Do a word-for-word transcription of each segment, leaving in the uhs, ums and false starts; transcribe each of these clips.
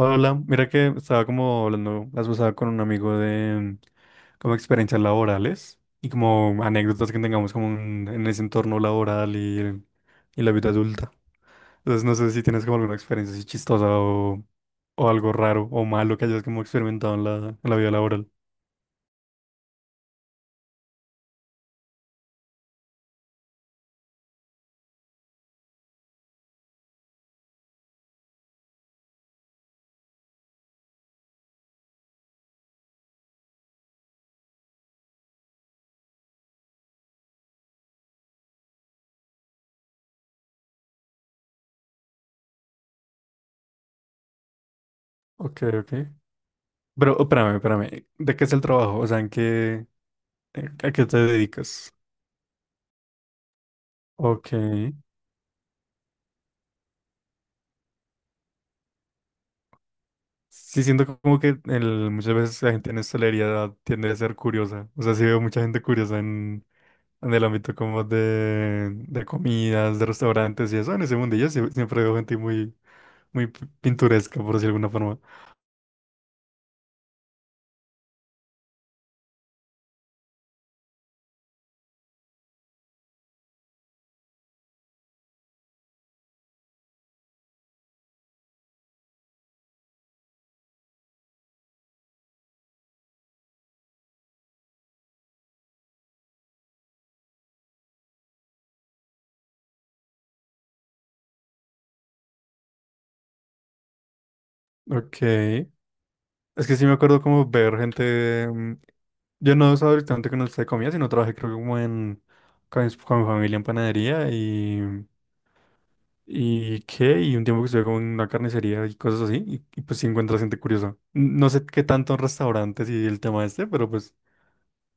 Hola, hola. Mira que estaba como hablando las pasaba con un amigo de como experiencias laborales y como anécdotas que tengamos como en, en ese entorno laboral y, y la vida adulta. Entonces no sé si tienes como alguna experiencia así chistosa o, o algo raro o malo que hayas como experimentado en la, en la vida laboral. Ok, ok. Pero oh, espérame, espérame. ¿De qué es el trabajo? O sea, ¿en qué, en- a qué te dedicas? Ok. Sí, siento como que el- muchas veces la gente en hostelería tiende a ser curiosa. O sea, sí veo mucha gente curiosa en, en el ámbito como de, de comidas, de restaurantes y eso. En ese mundillo sí- siempre veo gente muy, muy p- pintoresca, por decirlo de alguna forma. Ok. Es que sí me acuerdo como ver gente... mm, Yo no estaba directamente con el de comida, sino trabajé creo que como en... Con, mis- con mi familia en panadería y ¿y qué? Y un tiempo que estuve como en una carnicería y cosas así, y, y pues sí encuentras gente curiosa. N- No sé qué tanto en restaurantes y el tema este, pero pues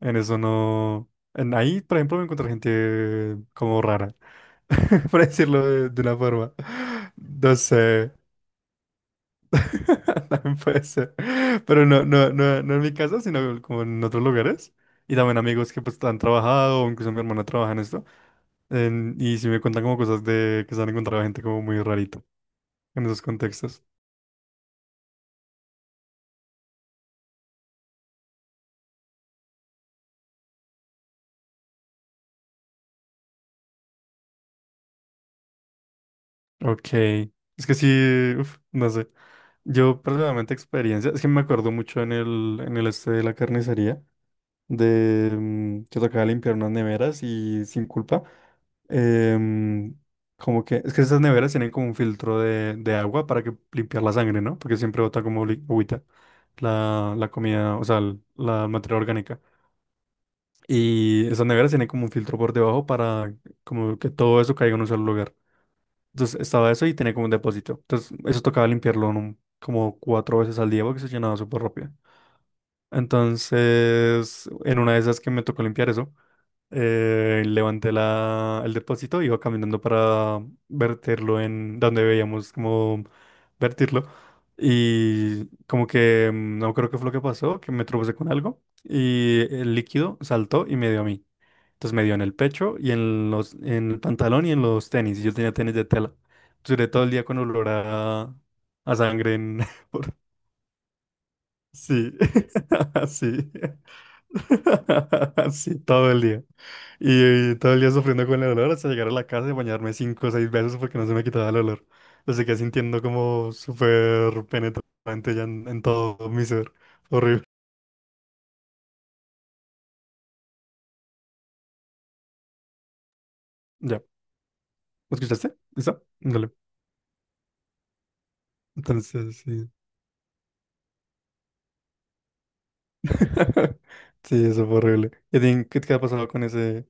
en eso no... En ahí, por ejemplo, me encontré gente como rara, para decirlo de, de una forma. No sé, también puede ser. Pero no, no, no, no en mi casa, sino como en otros lugares. Y también amigos que pues han trabajado, o incluso mi hermana trabaja en esto. En- y si me cuentan como cosas de que se han encontrado gente como muy rarito en esos contextos. Ok. Es que sí, uf, no sé. Yo personalmente experiencia, es que me acuerdo mucho en el, en el este de la carnicería, de mm, que tocaba limpiar unas neveras y sin culpa. em, Como que, es que esas neveras tienen como un filtro de, de agua para que limpiar la sangre, ¿no? Porque siempre bota como li- agüita la, la comida, o sea, l- la materia orgánica. Y esas neveras tienen como un filtro por debajo para como que todo eso caiga en un solo lugar. Entonces estaba eso y tenía como un depósito. Entonces eso tocaba limpiarlo en un- como cuatro veces al día porque se llenaba súper rápido. Entonces, en una de esas que me tocó limpiar eso, eh, levanté la, el depósito, iba caminando para verterlo en donde veíamos como vertirlo. Y como que mm, no creo que fue lo que pasó, que me tropecé con algo y el líquido saltó y me dio a mí. Entonces me dio en el pecho y en los, en el pantalón y en los tenis. Y yo tenía tenis de tela. Duré todo el día con olor a, a sangre en- por- Sí, así. Sí, todo el día. Y, y todo el día sufriendo con el olor hasta llegar a la casa y bañarme cinco o seis veces porque no se me quitaba el olor. Lo seguía sintiendo como súper penetrante ya en, en todo mi ser. Horrible. Ya. ¿Me escuchaste? ¿Listo? Dale. Entonces, sí. Sí, eso fue horrible. ¿Y a ti qué te ha pasado con ese,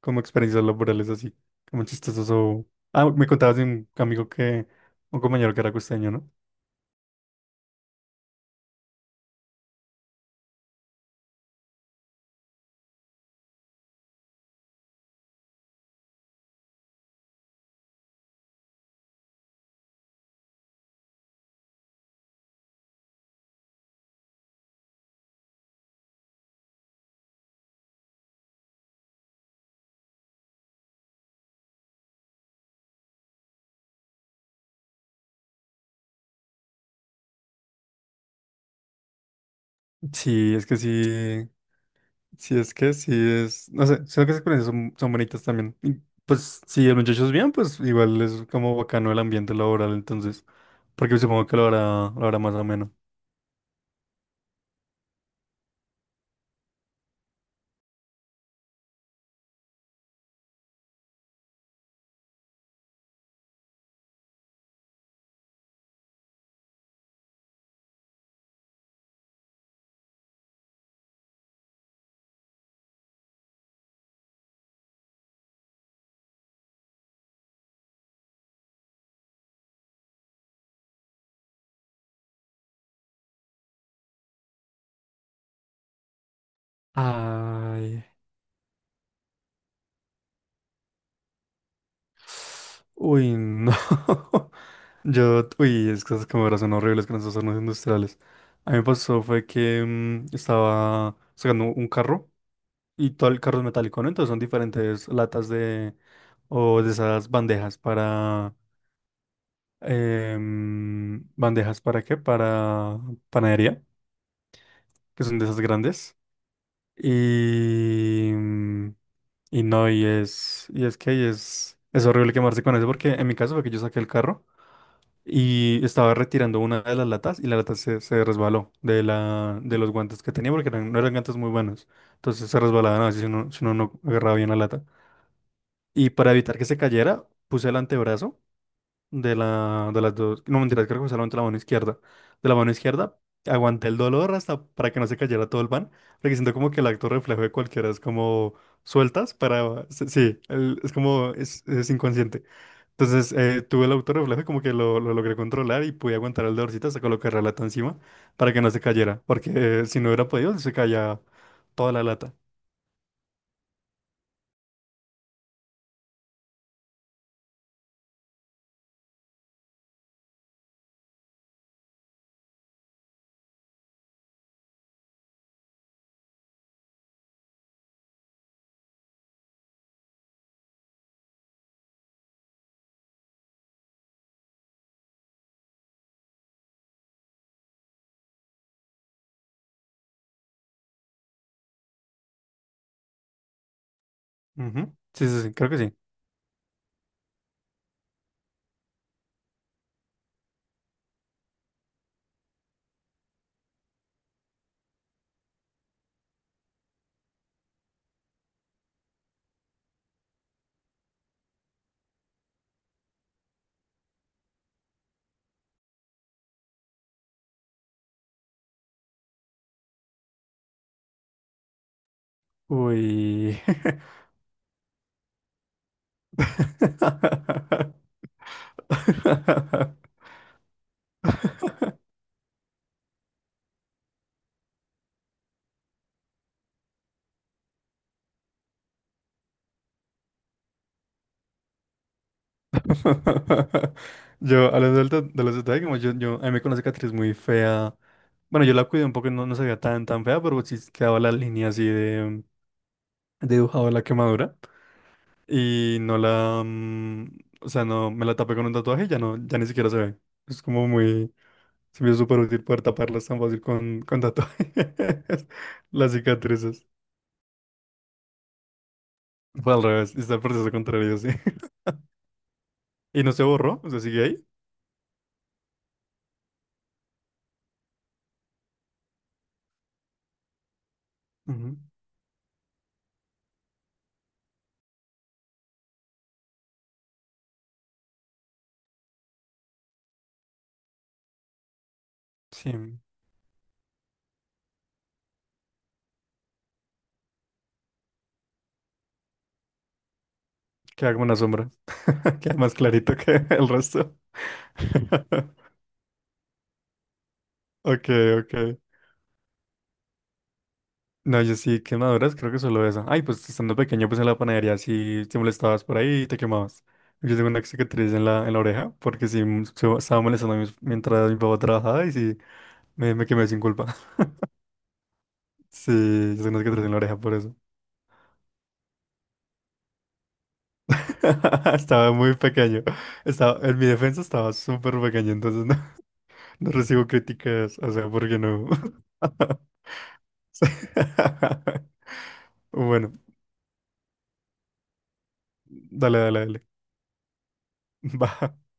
como experiencias laborales así? Como chistosos o... Ah, me contabas de un amigo que, un compañero que era costeño, ¿no? Sí, es que sí. Si es que sí es, no sé, siento que esas experiencias son, son bonitas también. Y, pues si el muchacho es bien, pues igual es como bacano el ambiente laboral, entonces, porque supongo que lo hará, lo hará más ameno. Ay. Uy, no. Yo, uy, es que esas cámaras son horribles con esos hornos industriales. A mí me pasó fue que mm, estaba sacando un carro y todo el carro es metálico, ¿no? Entonces son diferentes latas de, o de esas bandejas em, bandejas para qué? Para panadería, que son de esas grandes. Y, mm, y no, y es, y es que ahí es, es horrible quemarse con eso, porque en mi caso fue que yo saqué el carro y estaba retirando una de las latas y la lata se, se resbaló de, la, de los guantes que tenía, porque eran- no eran guantes muy buenos. Entonces se resbalaban así si uno, si uno no agarraba bien la lata. Y para evitar que se cayera, puse el antebrazo. De la, de las dos, no mentira, creo que fue solamente la mano izquierda. De la mano izquierda aguanté el dolor hasta para que no se cayera todo el pan, porque siento como que el acto reflejo de cualquiera es como sueltas para, sí, sí, el- es como, es, es inconsciente. Entonces eh, tuve el auto reflejo y como que lo, lo logré controlar y pude aguantar el dolorcito hasta colocar la lata encima para que no se cayera, porque eh, si no hubiera podido se caía toda la lata. Ujú. Sí, sí, sí, creo que sí. Uy. Yo, hablando del de de los detalles, como yo, yo, a mí me conoce una cicatriz muy fea. Bueno, yo la cuidé un poco, y no, no se veía tan, tan fea, pero sí quedaba la línea así de, de dibujado de la quemadura. Y no la, mm, o sea, no, me la tapé con un tatuaje y ya no, ya ni siquiera se ve. Es como muy, se me hizo súper útil poder taparlas tan fácil con, con tatuajes, las cicatrices. Fue al revés, está el proceso contrario, sí. Y no se borró, o sea, sigue ahí. Ujú. Sí. Queda como una sombra. Queda más clarito que el resto. Ok, ok. No, yo sí, quemaduras, creo que solo eso. Ay, pues estando pequeño, pues en la panadería sí te molestabas por ahí y te quemabas. Yo tengo una cicatriz en la, en la oreja porque sí m- se- estaba molestando a mis- mientras mi papá trabajaba y sí me, me quemé sin culpa. Sí, yo tengo una cicatriz en la oreja por eso. Estaba muy pequeño. Estaba, en mi defensa estaba súper pequeño, entonces no, no recibo críticas, o sea, porque no. Bueno. Dale, dale, dale. Va.